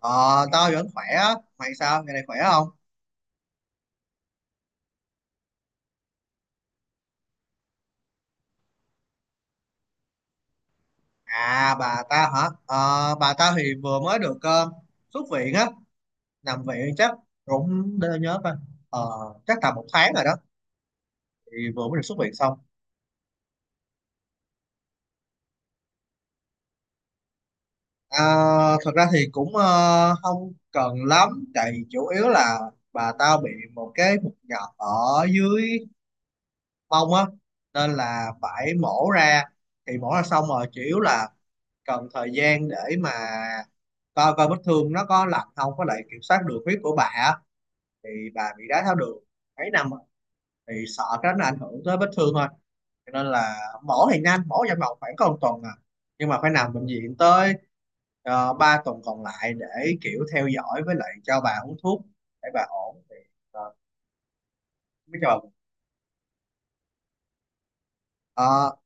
Ờ, tao vẫn khỏe á. Mày sao? Ngày này khỏe không? À, bà tao hả? Ờ, bà tao thì vừa mới được xuất viện á. Nằm viện chắc cũng để tao nhớ coi. Ờ, Chắc tầm một tháng rồi đó. Thì vừa mới được xuất viện xong. À, thật ra thì cũng không cần lắm. Tại vì chủ yếu là bà tao bị một cái mụn nhọt ở dưới mông á. Nên là phải mổ ra. Thì mổ ra xong rồi chủ yếu là cần thời gian để mà coi coi vết thương nó có lành không, có lại kiểm soát được huyết của bà á. Thì bà bị đái tháo đường mấy năm rồi, thì sợ cái đó nó ảnh hưởng tới vết thương thôi, cho nên là mổ thì nhanh, mổ trong vòng khoảng có một tuần à, nhưng mà phải nằm bệnh viện tới 3 tuần còn lại để kiểu theo dõi với lại cho bà uống thuốc để bà ổn thì ờ, mới cho bà. Ờ,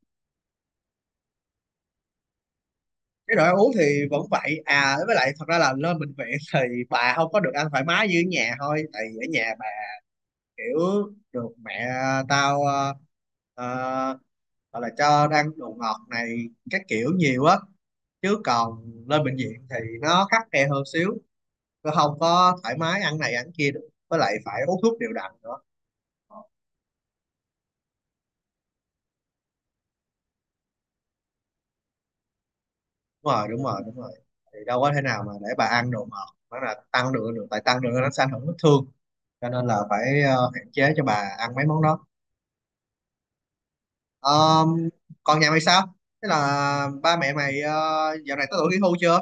cái đồ ăn uống thì vẫn vậy à, với lại thật ra là lên bệnh viện thì bà không có được ăn thoải mái như ở nhà thôi. Tại vì ở nhà bà kiểu được mẹ tao ờ, gọi là cho ăn đồ ngọt này các kiểu nhiều á, chứ còn lên bệnh viện thì nó khắt khe hơn xíu, nó không có thoải mái ăn này ăn kia được, với lại phải uống thuốc đều đặn nữa. Ờ, đúng rồi đúng rồi đúng rồi, thì đâu có thể nào mà để bà ăn đồ ngọt, nó là tăng đường được, tại tăng đường nó sẽ ảnh hưởng vết thương cho nên là phải hạn chế cho bà ăn mấy món đó. Ờm, Còn nhà mày sao, thế là ba mẹ mày dạo này có tuổi nghỉ hưu chưa?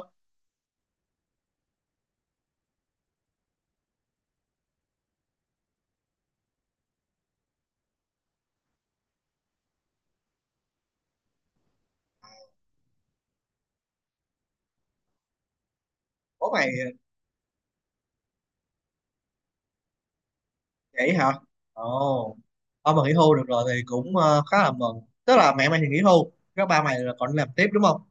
Bố mày. Vậy hả? Ồ. Ông mà nghỉ hưu được rồi thì cũng khá là mừng. Tức là mẹ mày thì nghỉ hưu, các ba mày là còn đi làm tiếp đúng không?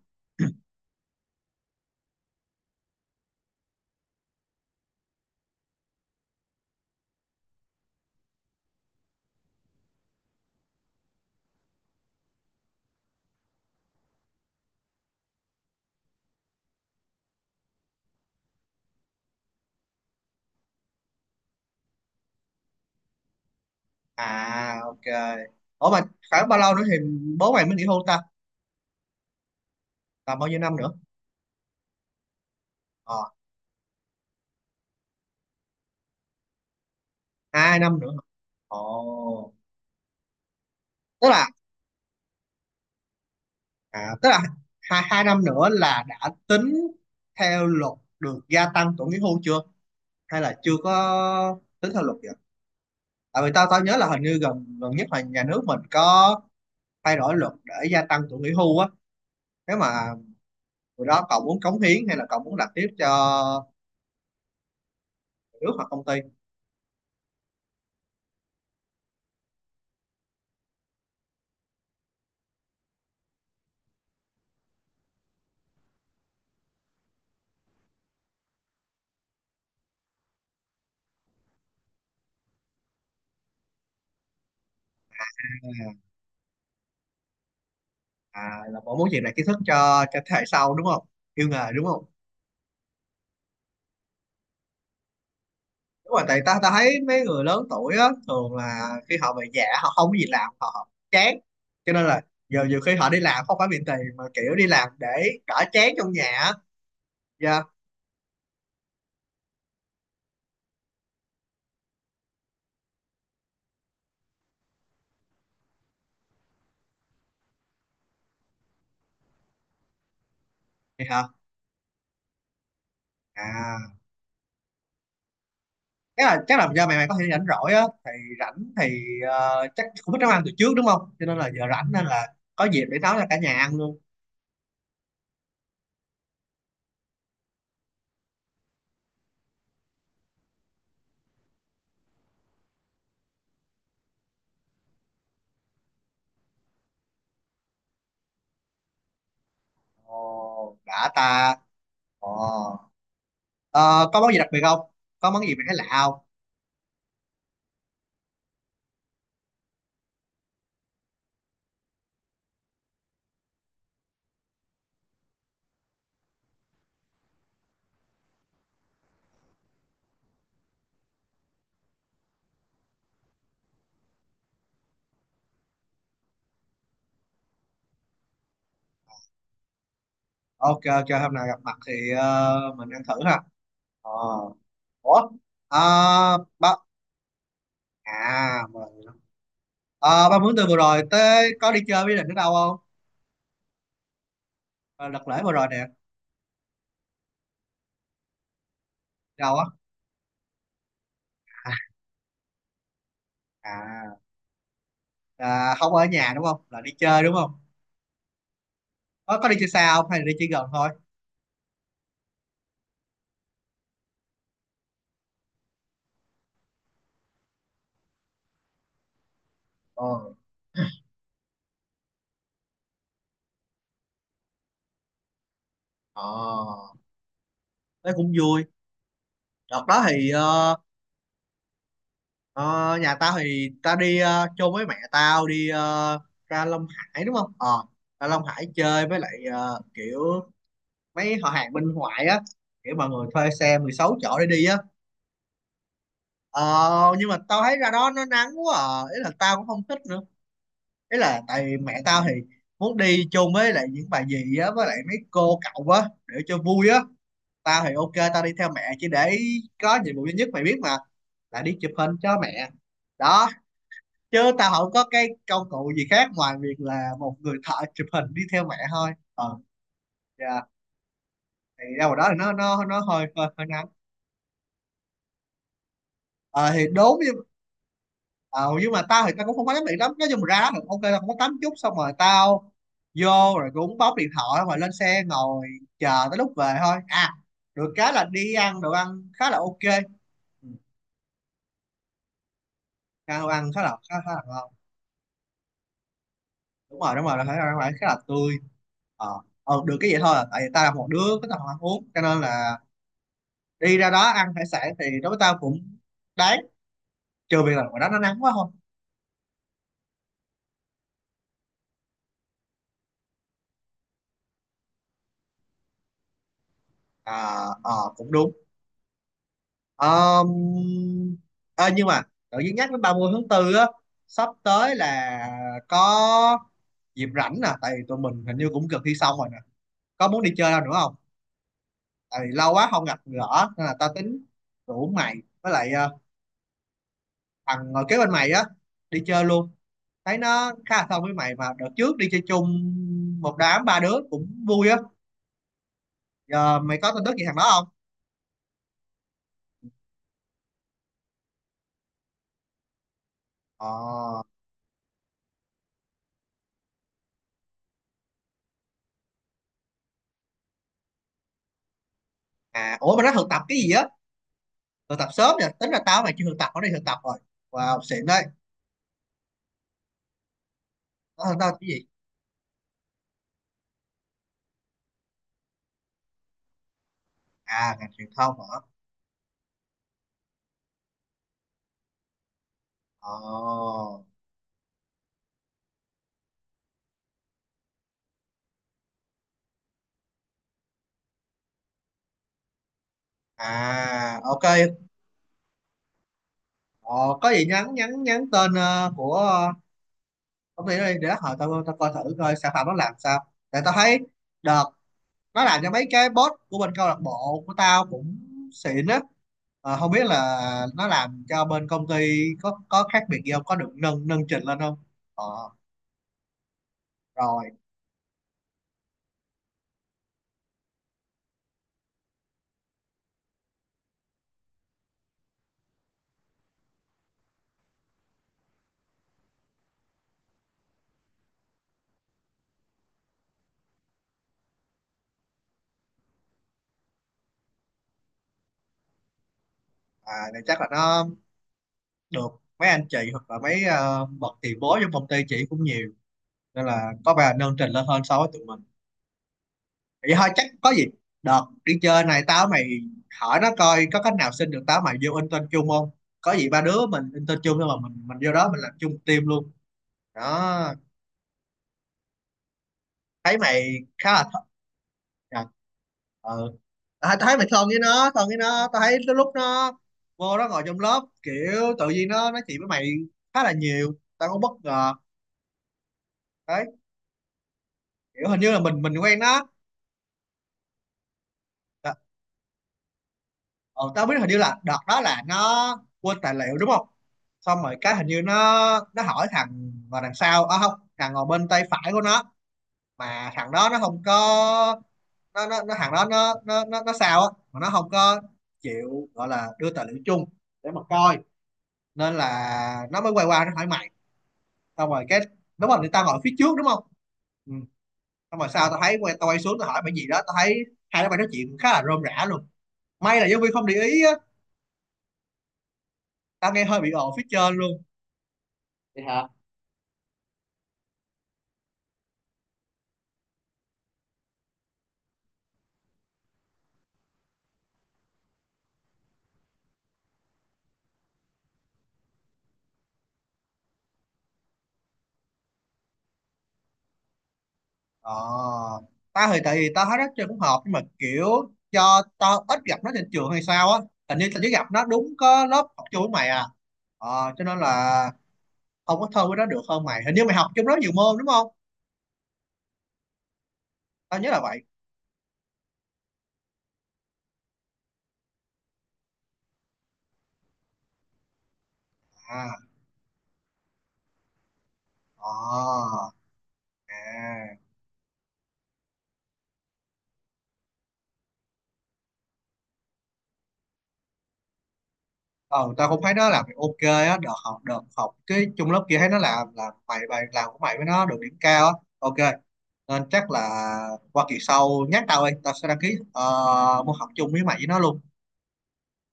À, ok. Ủa mà khoảng bao lâu nữa thì bố mày mới nghỉ hưu ta? Tầm bao nhiêu năm nữa? Ờ, 2 năm nữa. Ồ. Tức là tức là 2 năm nữa là đã tính theo luật được gia tăng tuổi nghỉ hưu chưa? Hay là chưa có tính theo luật vậy? Tại vì tao tao nhớ là hình như gần gần nhất là nhà nước mình có thay đổi luật để gia tăng tuổi nghỉ hưu á, nếu mà rồi đó cậu muốn cống hiến hay là cậu muốn làm tiếp cho nước hoặc công ty. À, là cậu muốn truyền lại kiến thức cho thế hệ sau đúng không, yêu nghề đúng không? Đúng rồi, tại ta ta thấy mấy người lớn tuổi á, thường là khi họ về già họ không có gì làm họ chán, cho nên là giờ nhiều khi họ đi làm không phải vì tiền mà kiểu đi làm để đỡ chán trong nhà á. Dạ. Thì hả? À, chắc là do mày mày có thể rảnh rỗi á, thì rảnh thì chắc cũng biết nấu ăn từ trước đúng không, cho nên là giờ rảnh nên là có dịp để nấu cho cả nhà ăn luôn. Ồ, đã ta. Ồ. Ờ, có món gì đặc biệt không? Có món gì mày thấy lạ không? Ok, ok, hôm nào gặp mặt thì mình ăn thử ha. Ờ. Ủa? Ờ, ba... À, mà... Ờ, ba muốn từ vừa rồi tới có đi chơi với định ở đâu không? Ờ, đợt lễ vừa rồi nè. Đâu á? À, à, không ở nhà đúng không? Là đi chơi đúng không? Có đi chơi xa không? Hay là đi chơi gần thôi? Ờ. Ờ, thế cũng vui. Đợt đó thì ờ, Ờ, nhà tao thì tao đi chôn với mẹ tao, đi ra Long Hải đúng không? Ờ, ra Long Hải chơi với lại kiểu mấy họ hàng bên ngoại á, kiểu mọi người thuê xe 16 chỗ để đi á. Ờ, nhưng mà tao thấy ra đó nó nắng quá à, ý là tao cũng không thích nữa. Ý là tại vì mẹ tao thì muốn đi chôn với lại những bà dì á với lại mấy cô cậu á để cho vui á. Tao thì ok, tao đi theo mẹ chỉ để có nhiệm vụ duy nhất mày biết mà, là đi chụp hình cho mẹ đó, chứ tao không có cái công cụ gì khác ngoài việc là một người thợ chụp hình đi theo mẹ thôi. ờ dạ. Thì đâu vào đó thì nó hơi hơi nắng. Ờ thì đúng nhưng ờ, nhưng mà tao thì tao cũng không có tắm điện lắm, nói chung là ra được ok, tao không có tắm chút, xong rồi tao vô rồi cũng bóc điện thoại rồi lên xe ngồi chờ tới lúc về thôi à, được cái là đi ăn đồ ăn khá là ok. Ừ, ăn đồ ăn khá là khá, khá là ngon đúng rồi đúng rồi, là khá là tươi. ờ Được cái vậy thôi à. Tại vì tao là một đứa có tao không ăn uống cho nên là đi ra đó ăn hải sản thì đối với tao cũng đáng, trừ việc là ngoài đó nó nắng quá không. Cũng đúng. Ờm, ờ, nhưng mà tự nhiên nhắc đến 30/4 á, sắp tới là có dịp rảnh nè tại vì tụi mình hình như cũng gần thi xong rồi nè, có muốn đi chơi đâu nữa không? Tại vì lâu quá không gặp gỡ nên là tao tính rủ mày với lại thằng ngồi kế bên mày á đi chơi luôn, thấy nó khá là thân với mày, mà đợt trước đi chơi chung một đám ba đứa cũng vui á. Giờ mày có tin tức gì thằng đó không? Ờ à ủa mà nó thực tập cái gì á? Thực tập sớm nè, tính ra tao mày chưa thực tập nó đi thực tập rồi. Wow, xịn đấy. Nó thực tập cái gì? À, ngành truyền thông hả? Ờ à ok. Ờ, có gì nhắn nhắn nhắn tên của công ty đó đi, để hồi tao tao coi thử coi sản phẩm nó làm sao. Tại tao thấy đợt nó làm cho mấy cái boss của bên câu lạc bộ của tao cũng xịn á. Ờ, không biết là nó làm cho bên công ty có khác biệt gì không, có được nâng nâng trình lên không. Ờ, rồi. À, thì chắc là nó được mấy anh chị hoặc là mấy bậc tiền bối trong công ty chị cũng nhiều, nên là có vẻ là nâng trình lên hơn so với tụi mình vậy thôi. Chắc có gì đợt đi chơi này tao mày hỏi nó coi có cách nào xin được tao mày vô intern chung không, có gì ba đứa mình intern chung, nhưng mà mình vô đó mình làm chung team luôn đó, thấy mày khá là thân. À, ờ. à, thấy mày thân với nó, tao thấy tới lúc nó vô nó ngồi trong lớp kiểu tự nhiên nó nói chuyện với mày khá là nhiều, tao cũng bất ngờ đấy, kiểu hình như là mình quen nó. Ờ, ờ, tao biết hình như là đợt đó là nó quên tài liệu đúng không, xong rồi cái hình như nó hỏi thằng ngồi đằng sau, à không, thằng ngồi bên tay phải của nó, mà thằng đó nó không có, nó thằng đó nó sao á, mà nó không có chịu gọi là đưa tài liệu chung để mà coi, nên là nó mới quay qua nó hỏi mày, xong rồi cái, đúng rồi thì tao ngồi phía trước đúng không. Ừ. Xong rồi sau tao thấy tao quay xuống tao hỏi mày gì đó, tao thấy hai đứa mày nói chuyện khá là rôm rã luôn, may là giáo viên không để ý á, tao nghe hơi bị ồn phía trên luôn. Vậy hả? ờ tao thì tại vì tao thấy rất chơi cũng hợp nhưng mà kiểu cho tao ít gặp nó trên trường hay sao á, hình như tao chỉ gặp nó đúng có lớp học chung với mày à, cho nên là không có thân với nó được hơn mày, hình như mày học chung lớp nhiều môn đúng không, tao nhớ là vậy. À ờ à. ờ tao cũng thấy nó làm việc ok á, đợt học cái chung lớp kia thấy nó làm mày, bài làm của mày với nó được điểm cao á. Ok, nên chắc là qua kỳ sau nhắc tao đi, tao sẽ đăng ký môn học chung với mày với nó luôn.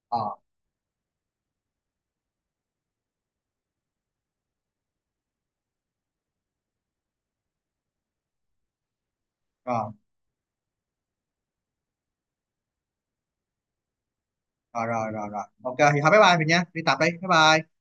Ờ rồi rồi rồi rồi rồi ok thì thôi, bye bye mình nha, đi tập đi, bye bye.